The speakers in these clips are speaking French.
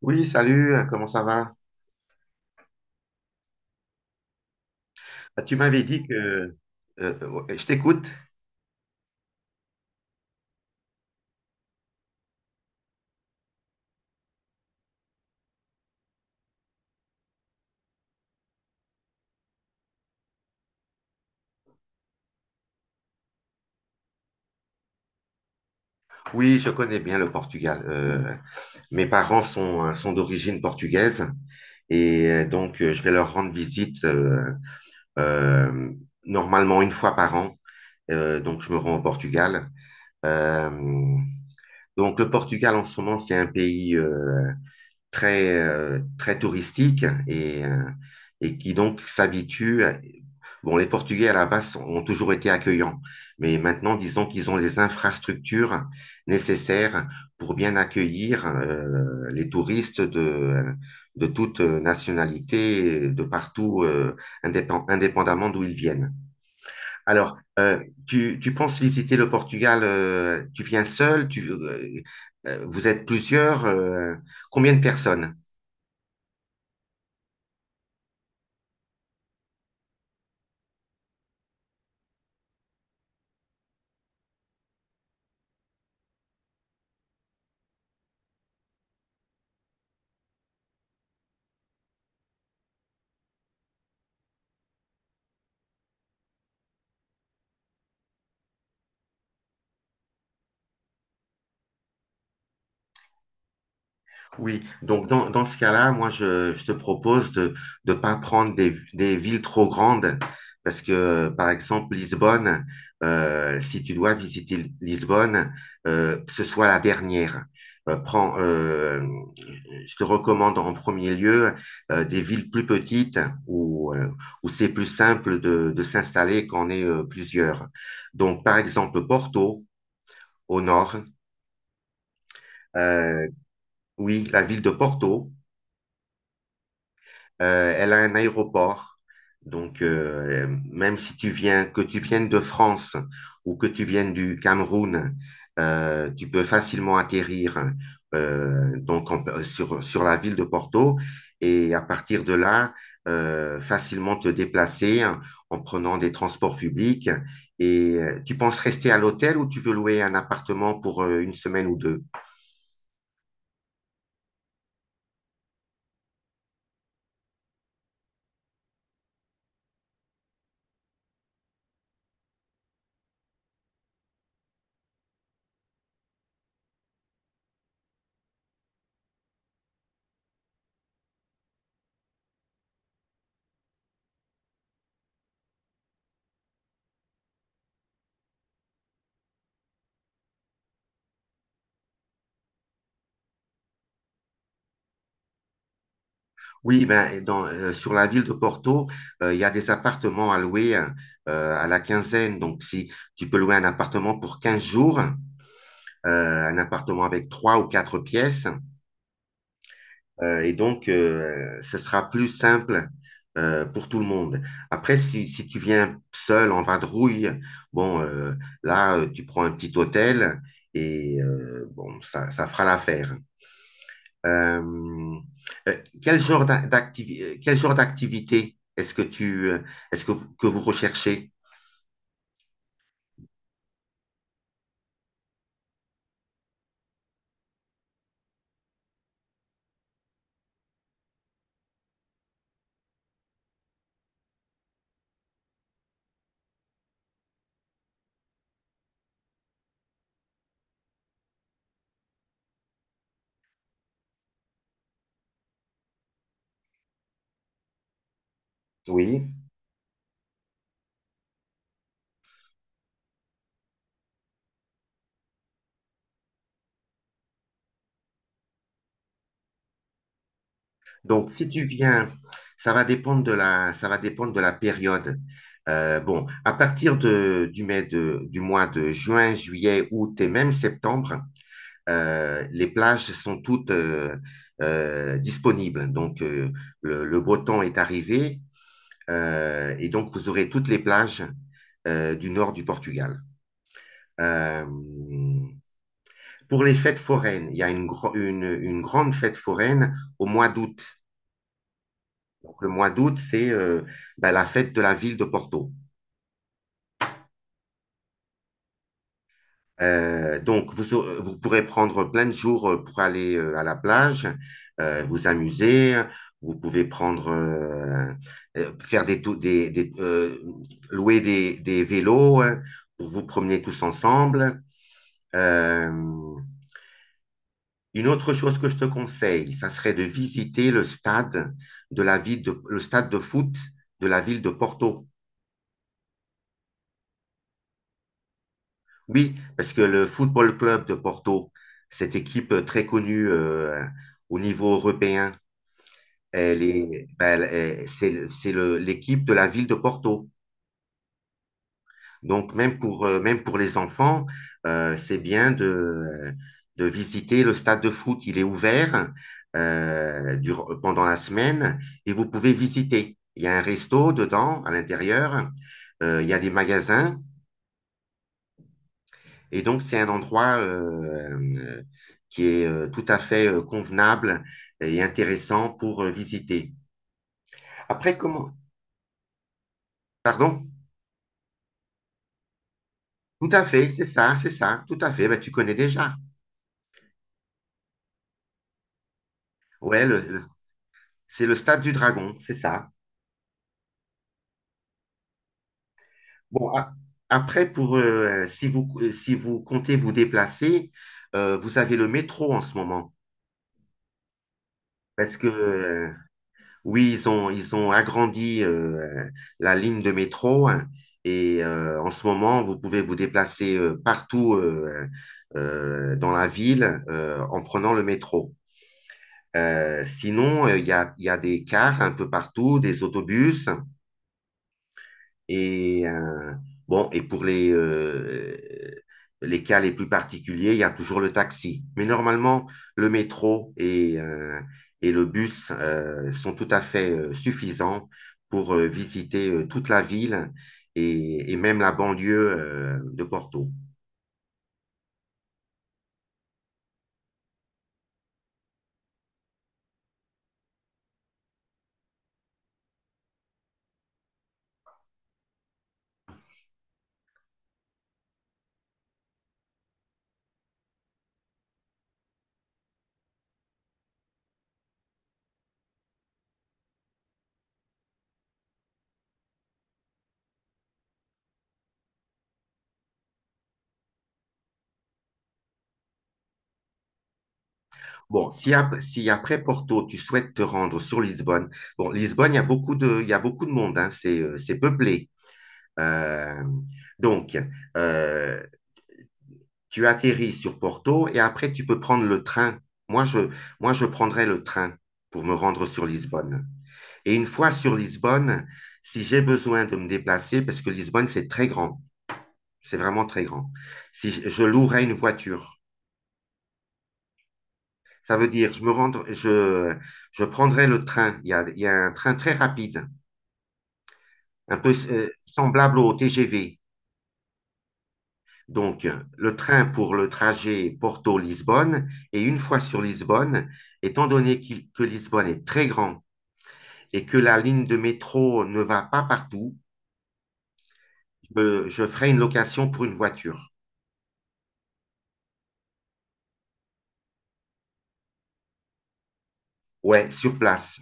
Oui, salut, comment ça va? Tu m'avais dit que je t'écoute. Oui, je connais bien le Portugal. Mes parents sont d'origine portugaise et donc je vais leur rendre visite euh, normalement une fois par an. Donc je me rends au Portugal. Euh, donc le Portugal en ce moment, c'est un pays très touristique et et qui donc Bon, les Portugais à la base ont toujours été accueillants, mais maintenant, disons qu'ils ont les infrastructures nécessaires pour bien accueillir les touristes de toute nationalité, de partout, indépendamment d'où ils viennent. Alors, tu penses visiter le Portugal, tu viens seul, vous êtes plusieurs, combien de personnes? Oui, donc dans ce cas-là, moi, je te propose de ne pas prendre des villes trop grandes parce que, par exemple, Lisbonne, si tu dois visiter Lisbonne, que ce soit la dernière. Euh, prends, euh, je te recommande en premier lieu des villes plus petites où, euh, où c'est plus simple de s'installer quand on est plusieurs. Donc, par exemple, Porto, au nord. euh, oui, la ville de Porto. Elle a un aéroport. Donc, même si tu viens, que tu viennes de France ou que tu viennes du Cameroun, tu peux facilement atterrir sur la ville de Porto et à partir de là, facilement te déplacer en prenant des transports publics. Et tu penses rester à l'hôtel ou tu veux louer un appartement pour une semaine ou deux? Oui, ben, sur la ville de Porto, il y a des appartements à louer hein, à la quinzaine. Donc, si tu peux louer un appartement pour 15 jours, un appartement avec trois ou quatre pièces, ce sera plus simple pour tout le monde. Après, si tu viens seul en vadrouille, bon, tu prends un petit hôtel et ça fera l'affaire. Euh, euh, quel genre d'a- Quel genre d'activité est-ce que est-ce que que vous recherchez? Oui. Donc, si tu viens, ça va dépendre ça va dépendre de la période. Bon, à partir de, du mai de, du mois de juin, juillet, août et même septembre, les plages sont toutes disponibles. Donc, le beau temps est arrivé et donc vous aurez toutes les plages du nord du Portugal. Euh, pour les fêtes foraines, il y a une grande fête foraine au mois d'août. Donc, le mois d'août, c'est, ben, la fête de la ville de Porto. Donc, vous pourrez prendre plein de jours pour aller à la plage, vous amuser. Vous pouvez prendre, faire des, tou- des, louer des vélos hein, pour vous promener tous ensemble. Euh, Une autre chose que je te conseille, ça serait de visiter le stade de la ville de, le stade de foot de la ville de Porto. Oui, parce que le Football Club de Porto, cette équipe très connue au niveau européen, elle est, ben, elle est- c'est l'équipe de la ville de Porto. Donc, même même pour les enfants, c'est bien de visiter le stade de foot. Il est ouvert pendant la semaine et vous pouvez visiter. Il y a un resto dedans, à l'intérieur. Il y a des magasins. Et donc, c'est un endroit euh, qui est tout à fait convenable et intéressant pour visiter. Après, comment? Pardon? Tout à fait, c'est ça, tout à fait. Ben, tu connais déjà. Ouais, c'est le stade du Dragon, c'est ça. Bon, a- Si vous, si vous comptez vous déplacer, vous avez le métro en ce moment. Parce que, oui, ils ont agrandi la ligne de métro, hein, et en ce moment, vous pouvez vous déplacer partout dans la ville en prenant le métro. Sinon, il y a des cars un peu partout, des autobus. Et et pour les cas les plus particuliers, il y a toujours le taxi. Mais normalement, le métro et et le bus sont tout à fait suffisants pour visiter toute la ville et même la banlieue de Porto. Bon, si après Porto, tu souhaites te rendre sur Lisbonne, bon, Lisbonne, il y a beaucoup de, il y a beaucoup de monde, hein, c'est peuplé. Euh, donc, euh, tu atterris sur Porto et après tu peux prendre le train. Moi, je, Moi, je prendrai le train pour me rendre sur Lisbonne. Et une fois sur Lisbonne, si j'ai besoin de me déplacer, parce que Lisbonne, c'est très grand, c'est vraiment très grand, si je je louerai une voiture, ça veut dire je me rendre, je prendrai le train. Il y a un train très rapide, un peu semblable au TGV. Donc, le train pour le trajet Porto-Lisbonne, et une fois sur Lisbonne, étant donné que Lisbonne est très grand et que la ligne de métro ne va pas partout, je ferai une location pour une voiture. Ouais, sur place.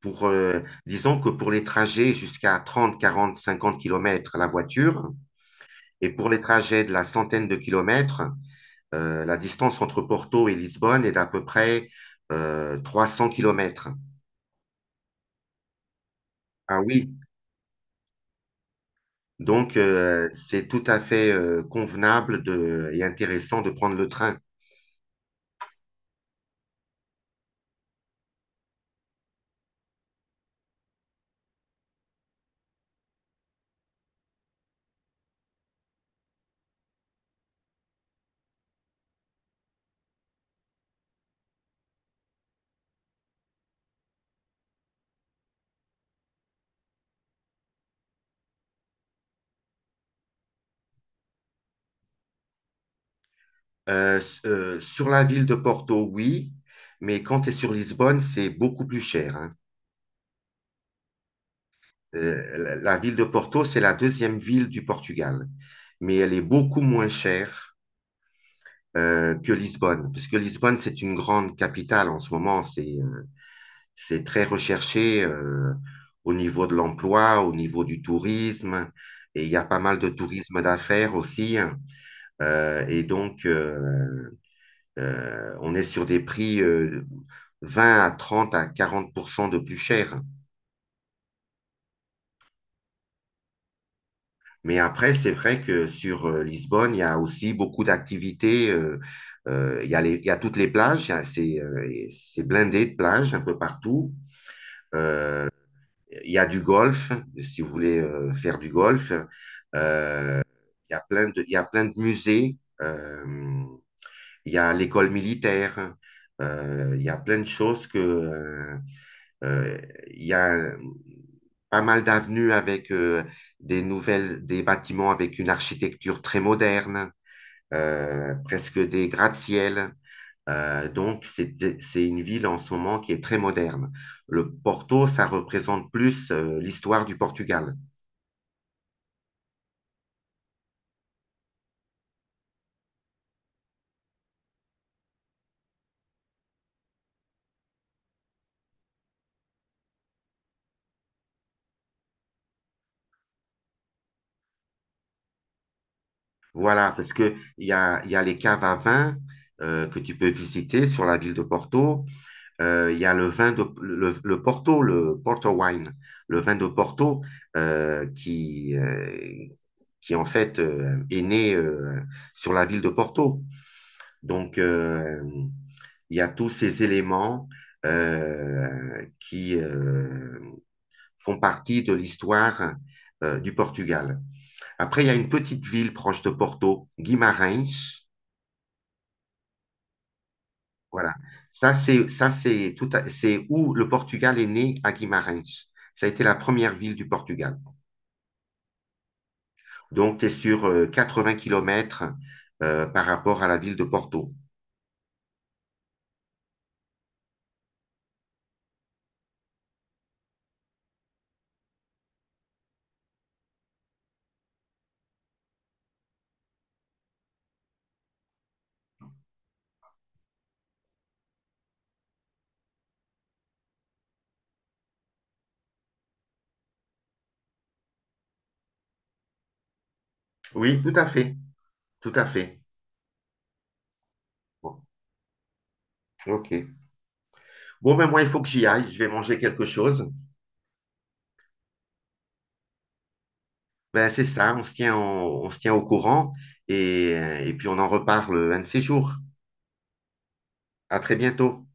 Disons que pour les trajets jusqu'à 30, 40, 50 kilomètres, la voiture, et pour les trajets de la centaine de kilomètres, la distance entre Porto et Lisbonne est d'à peu près 300 kilomètres. Ah oui. Donc, c'est tout à fait convenable et intéressant de prendre le train. Sur la ville de Porto, oui, mais quand tu es sur Lisbonne, c'est beaucoup plus cher, hein. La ville de Porto, c'est la deuxième ville du Portugal, mais elle est beaucoup moins chère que Lisbonne, parce que Lisbonne, c'est une grande capitale en ce moment, c'est très recherché au niveau de l'emploi, au niveau du tourisme, et il y a pas mal de tourisme d'affaires aussi, hein. Et donc, on est sur des prix 20 à 30 à 40 de plus cher. Mais après, c'est vrai que sur Lisbonne, il y a aussi beaucoup d'activités. Il y a il y a toutes les plages, il y a- c'est blindé de plages un peu partout. Euh, il y a du golf, si vous voulez faire du golf. Euh, il y a plein de, il y a plein de musées. Il y a l'école militaire. Il y a plein de choses que, Euh, Il y a pas mal d'avenues avec des bâtiments avec une architecture très moderne, presque des gratte-ciel. Donc, c'est une ville en ce moment qui est très moderne. Le Porto, ça représente plus l'histoire du Portugal. Voilà, parce que il y a les caves à vin que tu peux visiter sur la ville de Porto. Il y a le vin de le Porto Wine, le vin de Porto euh, qui, euh, qui en fait est né sur la ville de Porto. Donc il y a tous ces éléments qui font partie de l'histoire du Portugal. Après, il y a une petite ville proche de Porto, Guimarães. Voilà. Ça, c'est c'est où le Portugal est né, à Guimarães. Ça a été la première ville du Portugal. Donc, tu es sur 80 kilomètres par rapport à la ville de Porto. Oui, tout à fait. Tout à fait. Bon, OK. Bon, ben moi, il faut que j'y aille. Je vais manger quelque chose. Ben, c'est ça. On se tient au courant et et puis on en reparle un de ces jours. À très bientôt.